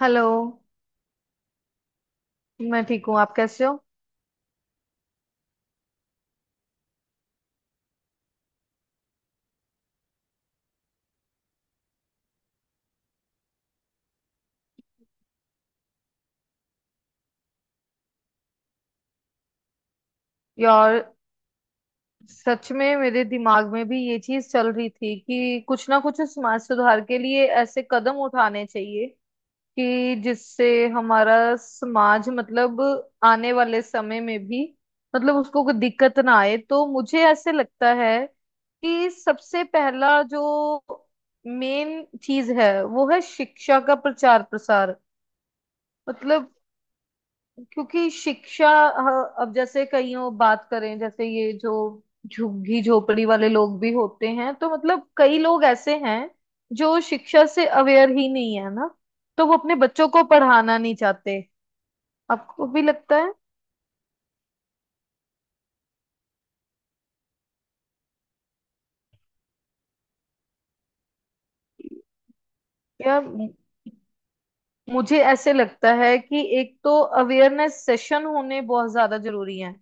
Hello. मैं ठीक हूँ। आप कैसे हो? यार सच में मेरे दिमाग में भी ये चीज चल रही थी कि कुछ ना कुछ समाज सुधार के लिए ऐसे कदम उठाने चाहिए कि जिससे हमारा समाज, मतलब आने वाले समय में भी, मतलब उसको कोई दिक्कत ना आए। तो मुझे ऐसे लगता है कि सबसे पहला जो मेन चीज है वो है शिक्षा का प्रचार प्रसार। मतलब क्योंकि शिक्षा अब जैसे कईयों बात करें, जैसे ये जो झुग्गी झोपड़ी वाले लोग भी होते हैं, तो मतलब कई लोग ऐसे हैं जो शिक्षा से अवेयर ही नहीं है ना। तो वो अपने बच्चों को पढ़ाना नहीं चाहते। आपको भी लगता है? या मु- मुझे ऐसे लगता है कि एक तो अवेयरनेस सेशन होने बहुत ज्यादा जरूरी है।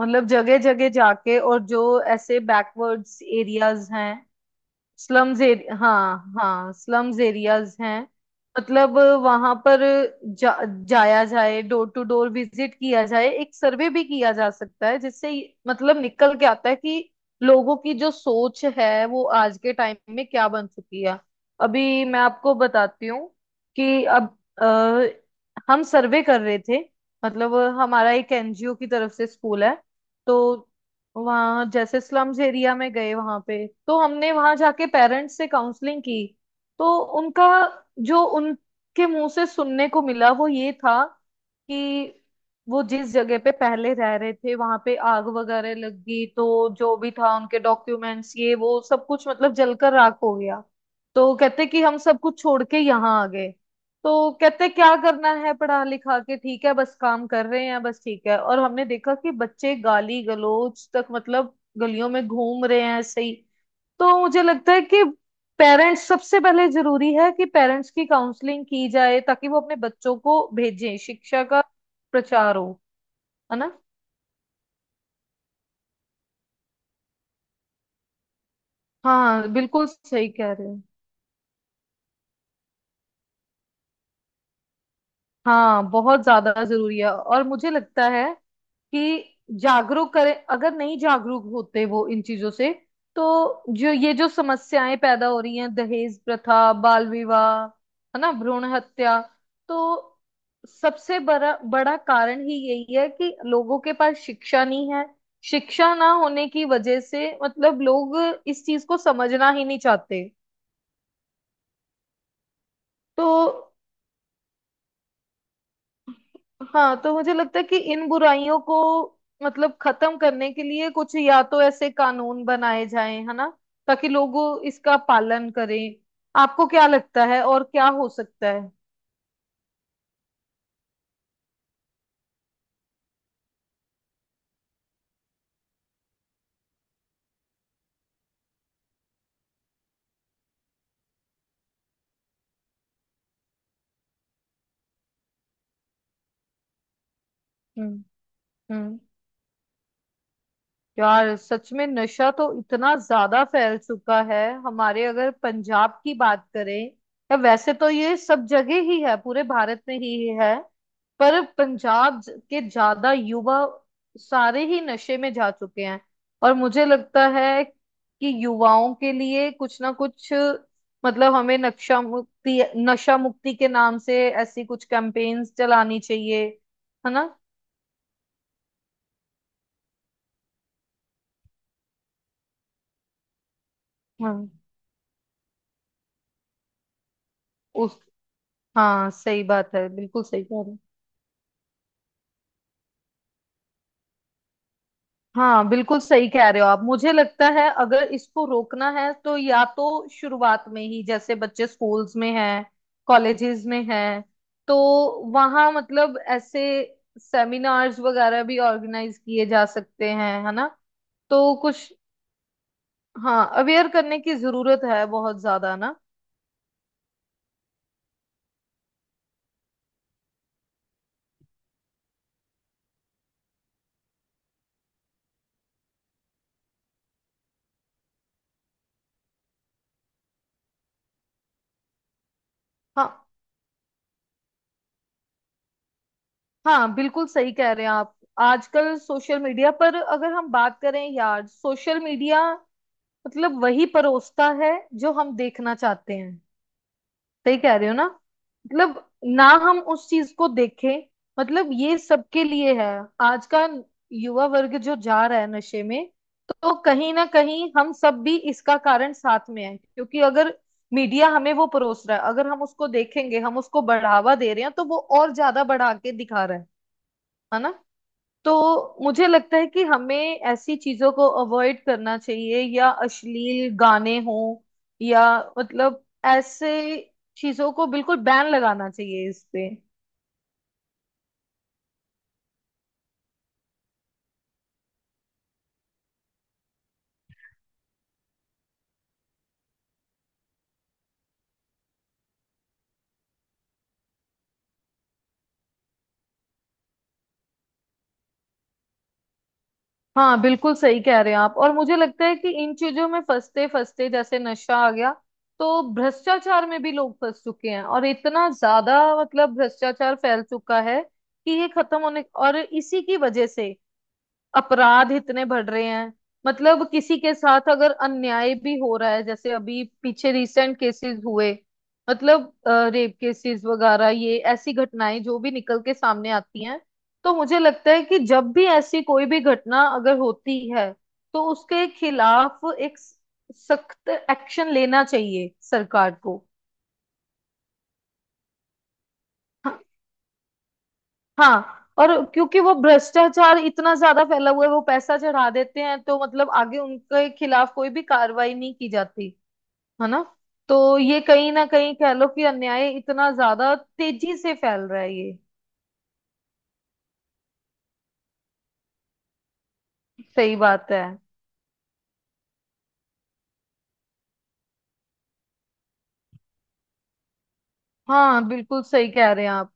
मतलब जगह जगह जाके, और जो ऐसे बैकवर्ड्स एरियाज हैं, स्लम्स एरिया, हाँ हाँ, स्लम्स एरियाज हैं। मतलब वहां पर जा, जाया जाए, डोर टू डोर विजिट किया जाए, एक सर्वे भी किया जा सकता है जिससे ये- मतलब निकल के आता है कि लोगों की जो सोच है वो आज के टाइम में क्या बन चुकी है। अभी मैं आपको बताती हूँ कि अब अ, हम सर्वे कर रहे थे, मतलब हमारा एक एनजीओ की तरफ से स्कूल है। तो वहाँ जैसे स्लम्स एरिया में गए, वहां पे तो हमने वहां जाके पेरेंट्स से काउंसलिंग की। तो उनका, जो उनके मुंह से सुनने को मिला वो ये था कि वो जिस जगह पे पहले रह रहे थे वहां पे आग वगैरह लग गई, तो जो भी था उनके डॉक्यूमेंट्स ये वो सब कुछ मतलब जलकर राख हो गया। तो कहते कि हम सब कुछ छोड़ के यहाँ आ गए। तो कहते क्या करना है पढ़ा लिखा के, ठीक है बस काम कर रहे हैं, बस ठीक है। और हमने देखा कि बच्चे गाली गलौज तक, मतलब गलियों में घूम रहे हैं ऐसे ही। तो मुझे लगता है कि पेरेंट्स, सबसे पहले जरूरी है कि पेरेंट्स की काउंसलिंग की जाए ताकि वो अपने बच्चों को भेजें, शिक्षा का प्रचार हो। है ना? हाँ बिल्कुल सही कह रहे हो। हाँ बहुत ज्यादा जरूरी है, और मुझे लगता है कि जागरूक करें। अगर नहीं जागरूक होते वो इन चीजों से, तो जो ये जो समस्याएं पैदा हो रही हैं, दहेज प्रथा, बाल विवाह, है ना, भ्रूण हत्या, तो सबसे बड़ा बड़ा कारण ही यही है कि लोगों के पास शिक्षा नहीं है। शिक्षा ना होने की वजह से मतलब लोग इस चीज को समझना ही नहीं चाहते। तो हाँ, तो मुझे लगता है कि इन बुराइयों को मतलब खत्म करने के लिए कुछ या तो ऐसे कानून बनाए जाएं, है ना, ताकि लोग इसका पालन करें। आपको क्या लगता है और क्या हो सकता है? हम्म। हम्म। यार सच में नशा तो इतना ज्यादा फैल चुका है। हमारे अगर पंजाब की बात करें, या वैसे तो ये सब जगह ही है, पूरे भारत में ही है। पर पंजाब के ज्यादा युवा सारे ही नशे में जा चुके हैं। और मुझे लगता है कि युवाओं के लिए कुछ ना कुछ, मतलब हमें नक्शा मुक्ति नशा मुक्ति के नाम से ऐसी कुछ कैंपेन्स चलानी चाहिए। है ना? हाँ उस हाँ सही बात है, बिल्कुल सही कह रहे हो। हाँ बिल्कुल सही कह रहे हो आप। मुझे लगता है अगर इसको रोकना है तो या तो शुरुआत में ही, जैसे बच्चे स्कूल्स में हैं, कॉलेजेस में हैं, तो वहाँ मतलब ऐसे सेमिनार्स वगैरह भी ऑर्गेनाइज किए जा सकते हैं। है ना? तो कुछ, हाँ अवेयर करने की जरूरत है बहुत ज्यादा ना। हाँ हाँ बिल्कुल सही कह रहे हैं आप। आजकल सोशल मीडिया पर अगर हम बात करें, यार सोशल मीडिया मतलब वही परोसता है जो हम देखना चाहते हैं। सही कह रहे हो ना? मतलब ना हम उस चीज को देखें, मतलब ये सबके लिए है। आज का युवा वर्ग जो जा रहा है नशे में, तो कहीं ना कहीं हम सब भी इसका कारण साथ में है, क्योंकि अगर मीडिया हमें वो परोस रहा है, अगर हम उसको देखेंगे, हम उसको बढ़ावा दे रहे हैं, तो वो और ज्यादा बढ़ा के दिखा रहा है। है ना? तो मुझे लगता है कि हमें ऐसी चीजों को अवॉइड करना चाहिए, या अश्लील गाने हों, या मतलब ऐसे चीजों को बिल्कुल बैन लगाना चाहिए इस पे। हाँ बिल्कुल सही कह रहे हैं आप। और मुझे लगता है कि इन चीजों में फंसते फंसते, जैसे नशा आ गया, तो भ्रष्टाचार में भी लोग फंस चुके हैं और इतना ज्यादा मतलब भ्रष्टाचार फैल चुका है कि ये खत्म होने, और इसी की वजह से अपराध इतने बढ़ रहे हैं। मतलब किसी के साथ अगर अन्याय भी हो रहा है, जैसे अभी पीछे रिसेंट केसेस हुए, मतलब रेप केसेस वगैरह, ये ऐसी घटनाएं जो भी निकल के सामने आती हैं, तो मुझे लगता है कि जब भी ऐसी कोई भी घटना अगर होती है, तो उसके खिलाफ एक सख्त एक्शन लेना चाहिए सरकार को। हाँ, और क्योंकि वो भ्रष्टाचार इतना ज्यादा फैला हुआ है, वो पैसा चढ़ा देते हैं, तो मतलब आगे उनके खिलाफ कोई भी कार्रवाई नहीं की जाती। है ना? तो ये कहीं ना कहीं कह लो कि अन्याय इतना ज्यादा तेजी से फैल रहा है ये। सही बात है। हाँ बिल्कुल सही कह रहे हैं आप।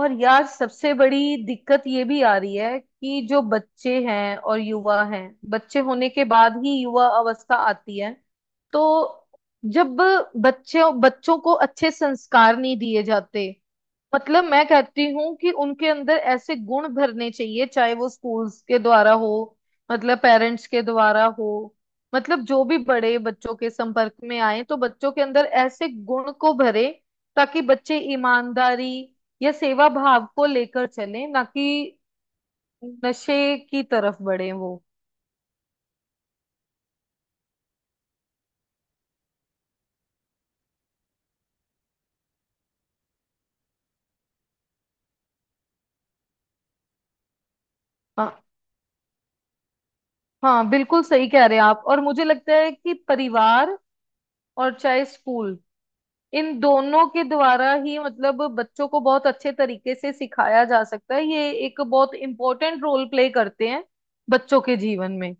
और यार सबसे बड़ी दिक्कत ये भी आ रही है कि जो बच्चे हैं और युवा हैं, बच्चे होने के बाद ही युवा अवस्था आती है, तो जब बच्चों बच्चों को अच्छे संस्कार नहीं दिए जाते, मतलब मैं कहती हूँ कि उनके अंदर ऐसे गुण भरने चाहिए, चाहे वो स्कूल्स के द्वारा हो, मतलब पेरेंट्स के द्वारा हो, मतलब जो भी बड़े बच्चों के संपर्क में आए तो बच्चों के अंदर ऐसे गुण को भरे, ताकि बच्चे ईमानदारी या सेवा भाव को लेकर चलें, ना कि नशे की तरफ बढ़े वो। हाँ हाँ बिल्कुल सही कह रहे हैं आप। और मुझे लगता है कि परिवार, और चाहे स्कूल, इन दोनों के द्वारा ही मतलब बच्चों को बहुत अच्छे तरीके से सिखाया जा सकता है। ये एक बहुत इम्पोर्टेंट रोल प्ले करते हैं बच्चों के जीवन में।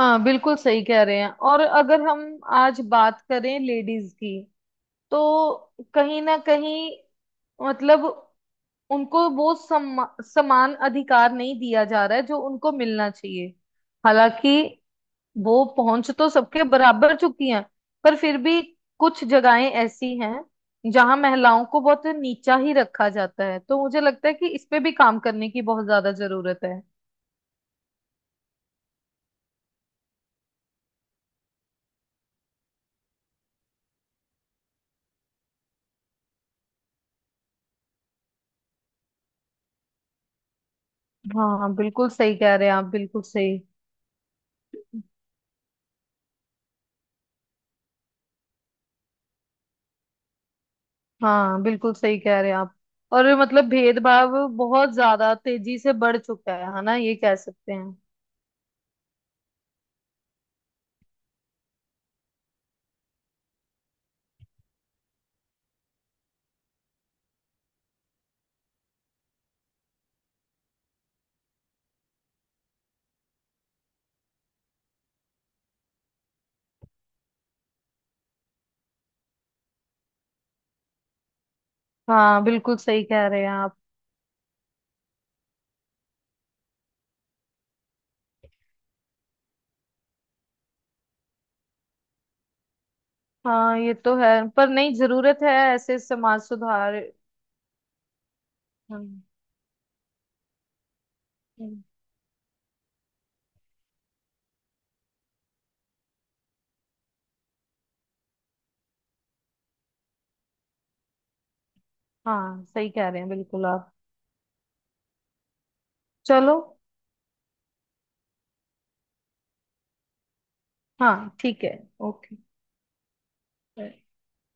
हाँ बिल्कुल सही कह रहे हैं। और अगर हम आज बात करें लेडीज की, तो कहीं ना कहीं मतलब उनको वो समान अधिकार नहीं दिया जा रहा है जो उनको मिलना चाहिए। हालांकि वो पहुंच तो सबके बराबर चुकी हैं, पर फिर भी कुछ जगहें ऐसी हैं जहां महिलाओं को बहुत नीचा ही रखा जाता है। तो मुझे लगता है कि इस पे भी काम करने की बहुत ज्यादा जरूरत है। हाँ बिल्कुल सही कह रहे हैं आप, बिल्कुल सही। हाँ बिल्कुल सही कह रहे हैं आप। और मतलब भेदभाव बहुत ज्यादा तेजी से बढ़ चुका है ना, ये कह सकते हैं। हाँ बिल्कुल सही कह रहे हैं आप। हाँ ये तो है, पर नहीं, जरूरत है ऐसे समाज सुधार। हम्म। हम्म। हाँ सही कह रहे हैं बिल्कुल आप। चलो, हाँ ठीक है, ओके।